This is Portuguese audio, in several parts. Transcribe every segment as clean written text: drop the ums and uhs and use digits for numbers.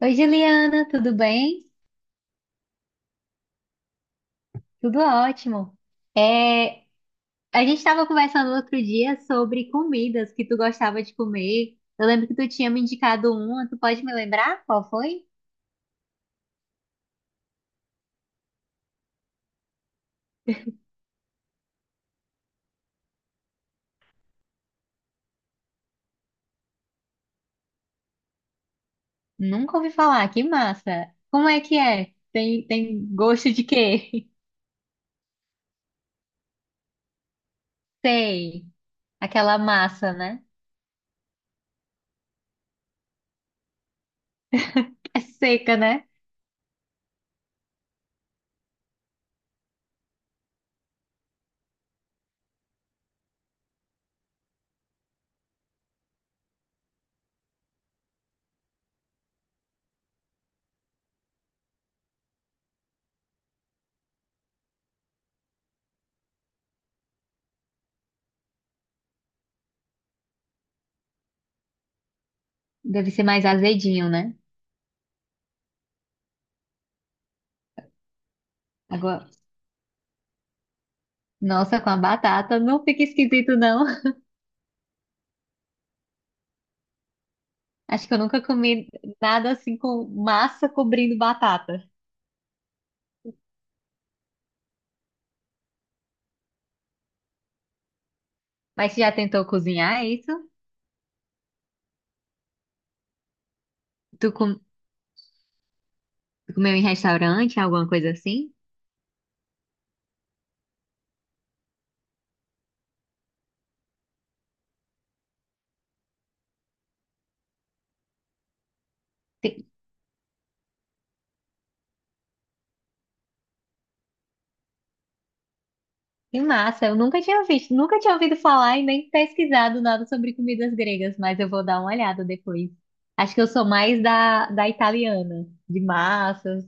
Oi, Juliana, tudo bem? Tudo ótimo. É, a gente estava conversando outro dia sobre comidas que tu gostava de comer. Eu lembro que tu tinha me indicado uma, tu pode me lembrar qual foi? Nunca ouvi falar, que massa. Como é que é? Tem gosto de quê? Sei, aquela massa, né? É seca, né? Deve ser mais azedinho, né? Agora, nossa, com a batata, não fica esquisito, não. Acho que eu nunca comi nada assim com massa cobrindo batata. Mas você já tentou cozinhar isso? Tu com- Comeu em restaurante, alguma coisa assim? Que que massa, eu nunca tinha visto, nunca tinha ouvido falar e nem pesquisado nada sobre comidas gregas, mas eu vou dar uma olhada depois. Acho que eu sou mais da italiana, de massas.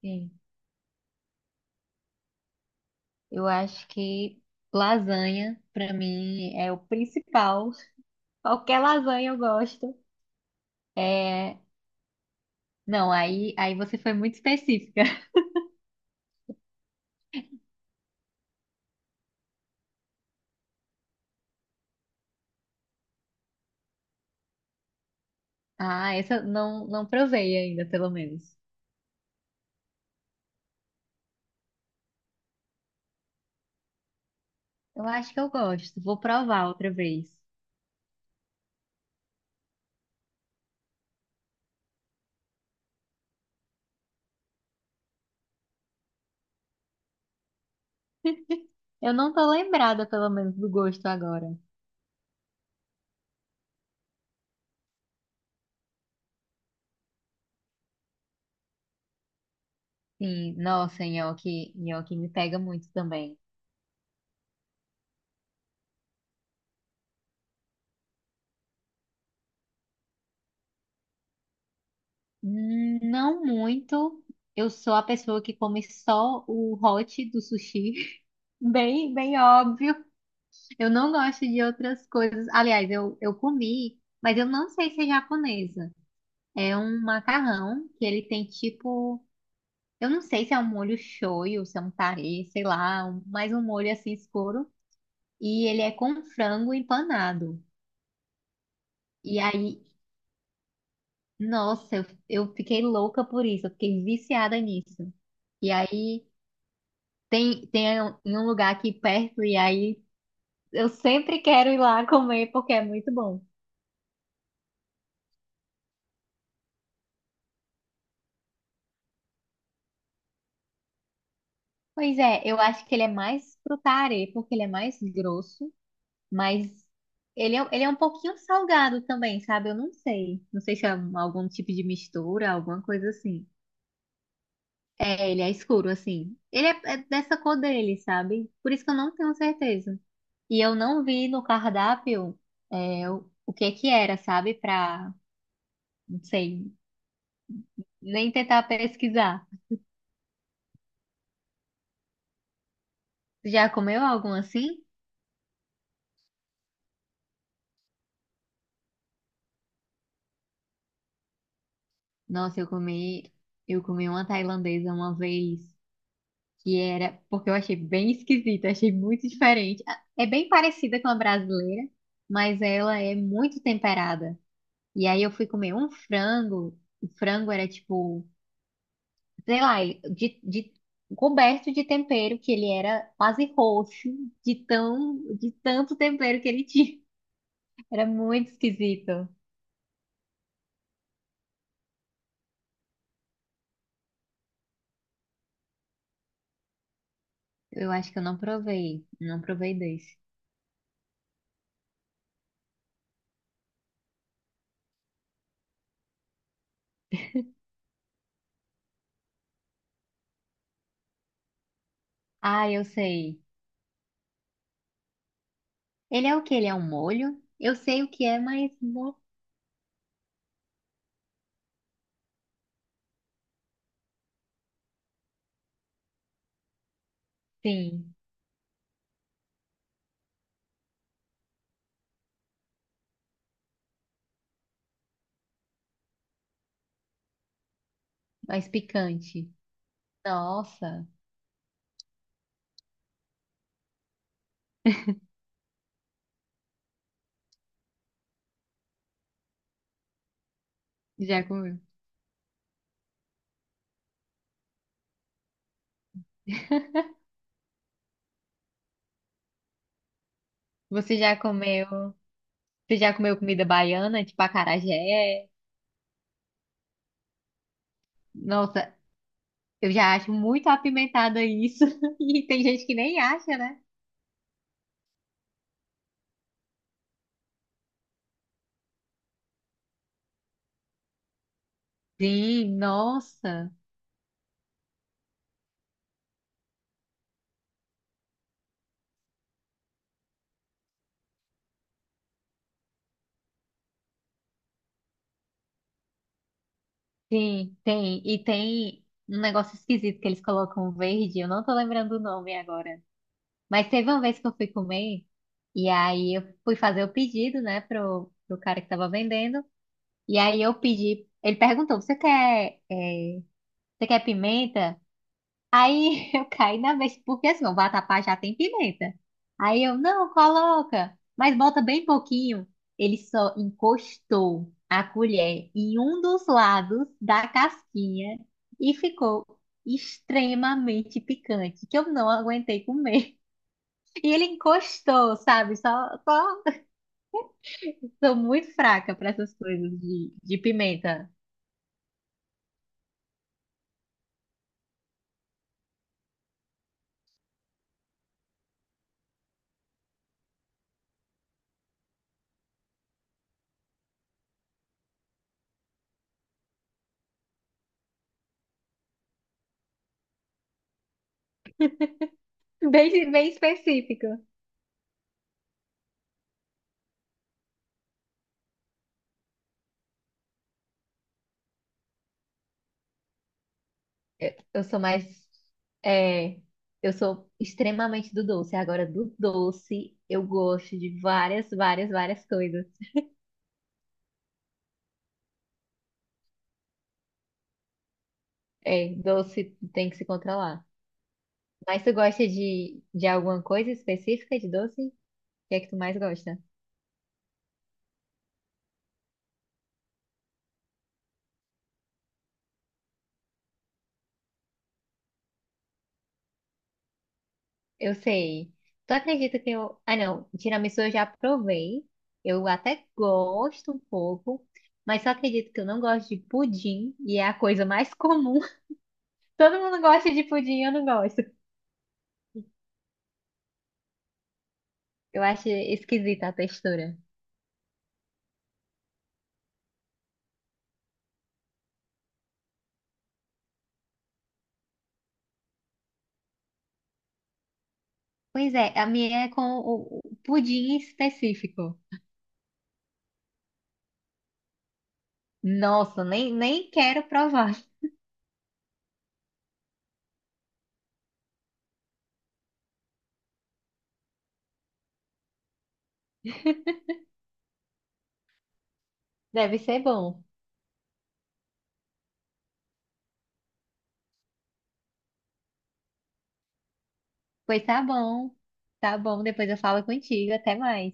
Sim, eu acho que lasanha, pra mim, é o principal. Qualquer lasanha eu gosto. É... Não, aí você foi muito específica. Ah, essa eu não provei ainda, pelo menos. Eu acho que eu gosto. Vou provar outra vez. Eu não tô lembrada, pelo menos, do gosto agora. Sim, nossa, nhoque, nhoque me pega muito também. Não muito. Eu sou a pessoa que come só o hot do sushi. Bem, bem óbvio. Eu não gosto de outras coisas. Aliás, eu comi, mas eu não sei se é japonesa. É um macarrão que ele tem tipo. Eu não sei se é um molho shoyu, se é um tarê, sei lá, mais um molho assim escuro. E ele é com frango empanado. E aí, nossa, eu fiquei louca por isso, eu fiquei viciada nisso. E aí tem em um lugar aqui perto, e aí eu sempre quero ir lá comer porque é muito bom. Pois é, eu acho que ele é mais pro tarê, porque ele é mais grosso, mas ele é um pouquinho salgado também, sabe? Eu não sei. Não sei se é algum tipo de mistura, alguma coisa assim. É, ele é escuro, assim. Ele é, é dessa cor dele, sabe? Por isso que eu não tenho certeza. E eu não vi no cardápio é, o que que era, sabe? Pra, não sei, nem tentar pesquisar. Já comeu algum assim? Nossa, eu comi uma tailandesa uma vez, que era, porque eu achei bem esquisita, achei muito diferente. Ah, é bem parecida com a brasileira, mas ela é muito temperada. E aí eu fui comer um frango, o frango era tipo sei lá, coberto de tempero, que ele era quase roxo, de tão, de tanto tempero que ele tinha. Era muito esquisito. Eu acho que eu não provei, não provei desse. Ah, eu sei. Ele é o que Ele é um molho? Eu sei o que é, mas não tem. Mais picante. Nossa, já comeu. Você já comeu? Você já comeu comida baiana, tipo acarajé? Nossa, eu já acho muito apimentado isso. E tem gente que nem acha, né? Sim, nossa. Sim, tem. E tem um negócio esquisito que eles colocam verde. Eu não tô lembrando o nome agora. Mas teve uma vez que eu fui comer. E aí eu fui fazer o pedido, né, pro cara que tava vendendo. E aí eu pedi. Ele perguntou: você quer, você quer pimenta? Aí eu caí na vez, porque assim, o vatapá já tem pimenta. Aí eu, não, coloca, mas bota bem pouquinho. Ele só encostou a colher em um dos lados da casquinha e ficou extremamente picante, que eu não aguentei comer. E ele encostou, sabe? Só, só... Sou muito fraca para essas coisas de pimenta, bem, bem específica. Eu sou mais. É, eu sou extremamente do doce. Agora, do doce, eu gosto de várias, várias, várias coisas. É, doce tem que se controlar. Mas tu gosta de alguma coisa específica de doce? O que é que tu mais gosta? Eu sei. Tu acredita que eu. Ah, não. Tiramisu eu já provei. Eu até gosto um pouco. Mas só acredito que eu não gosto de pudim. E é a coisa mais comum. Todo mundo gosta de pudim, eu não gosto. Eu acho esquisita a textura. Pois é, a minha é com o pudim específico. Nossa, nem, nem quero provar. Deve ser bom. Pois tá bom. Tá bom, depois eu falo contigo. Até mais.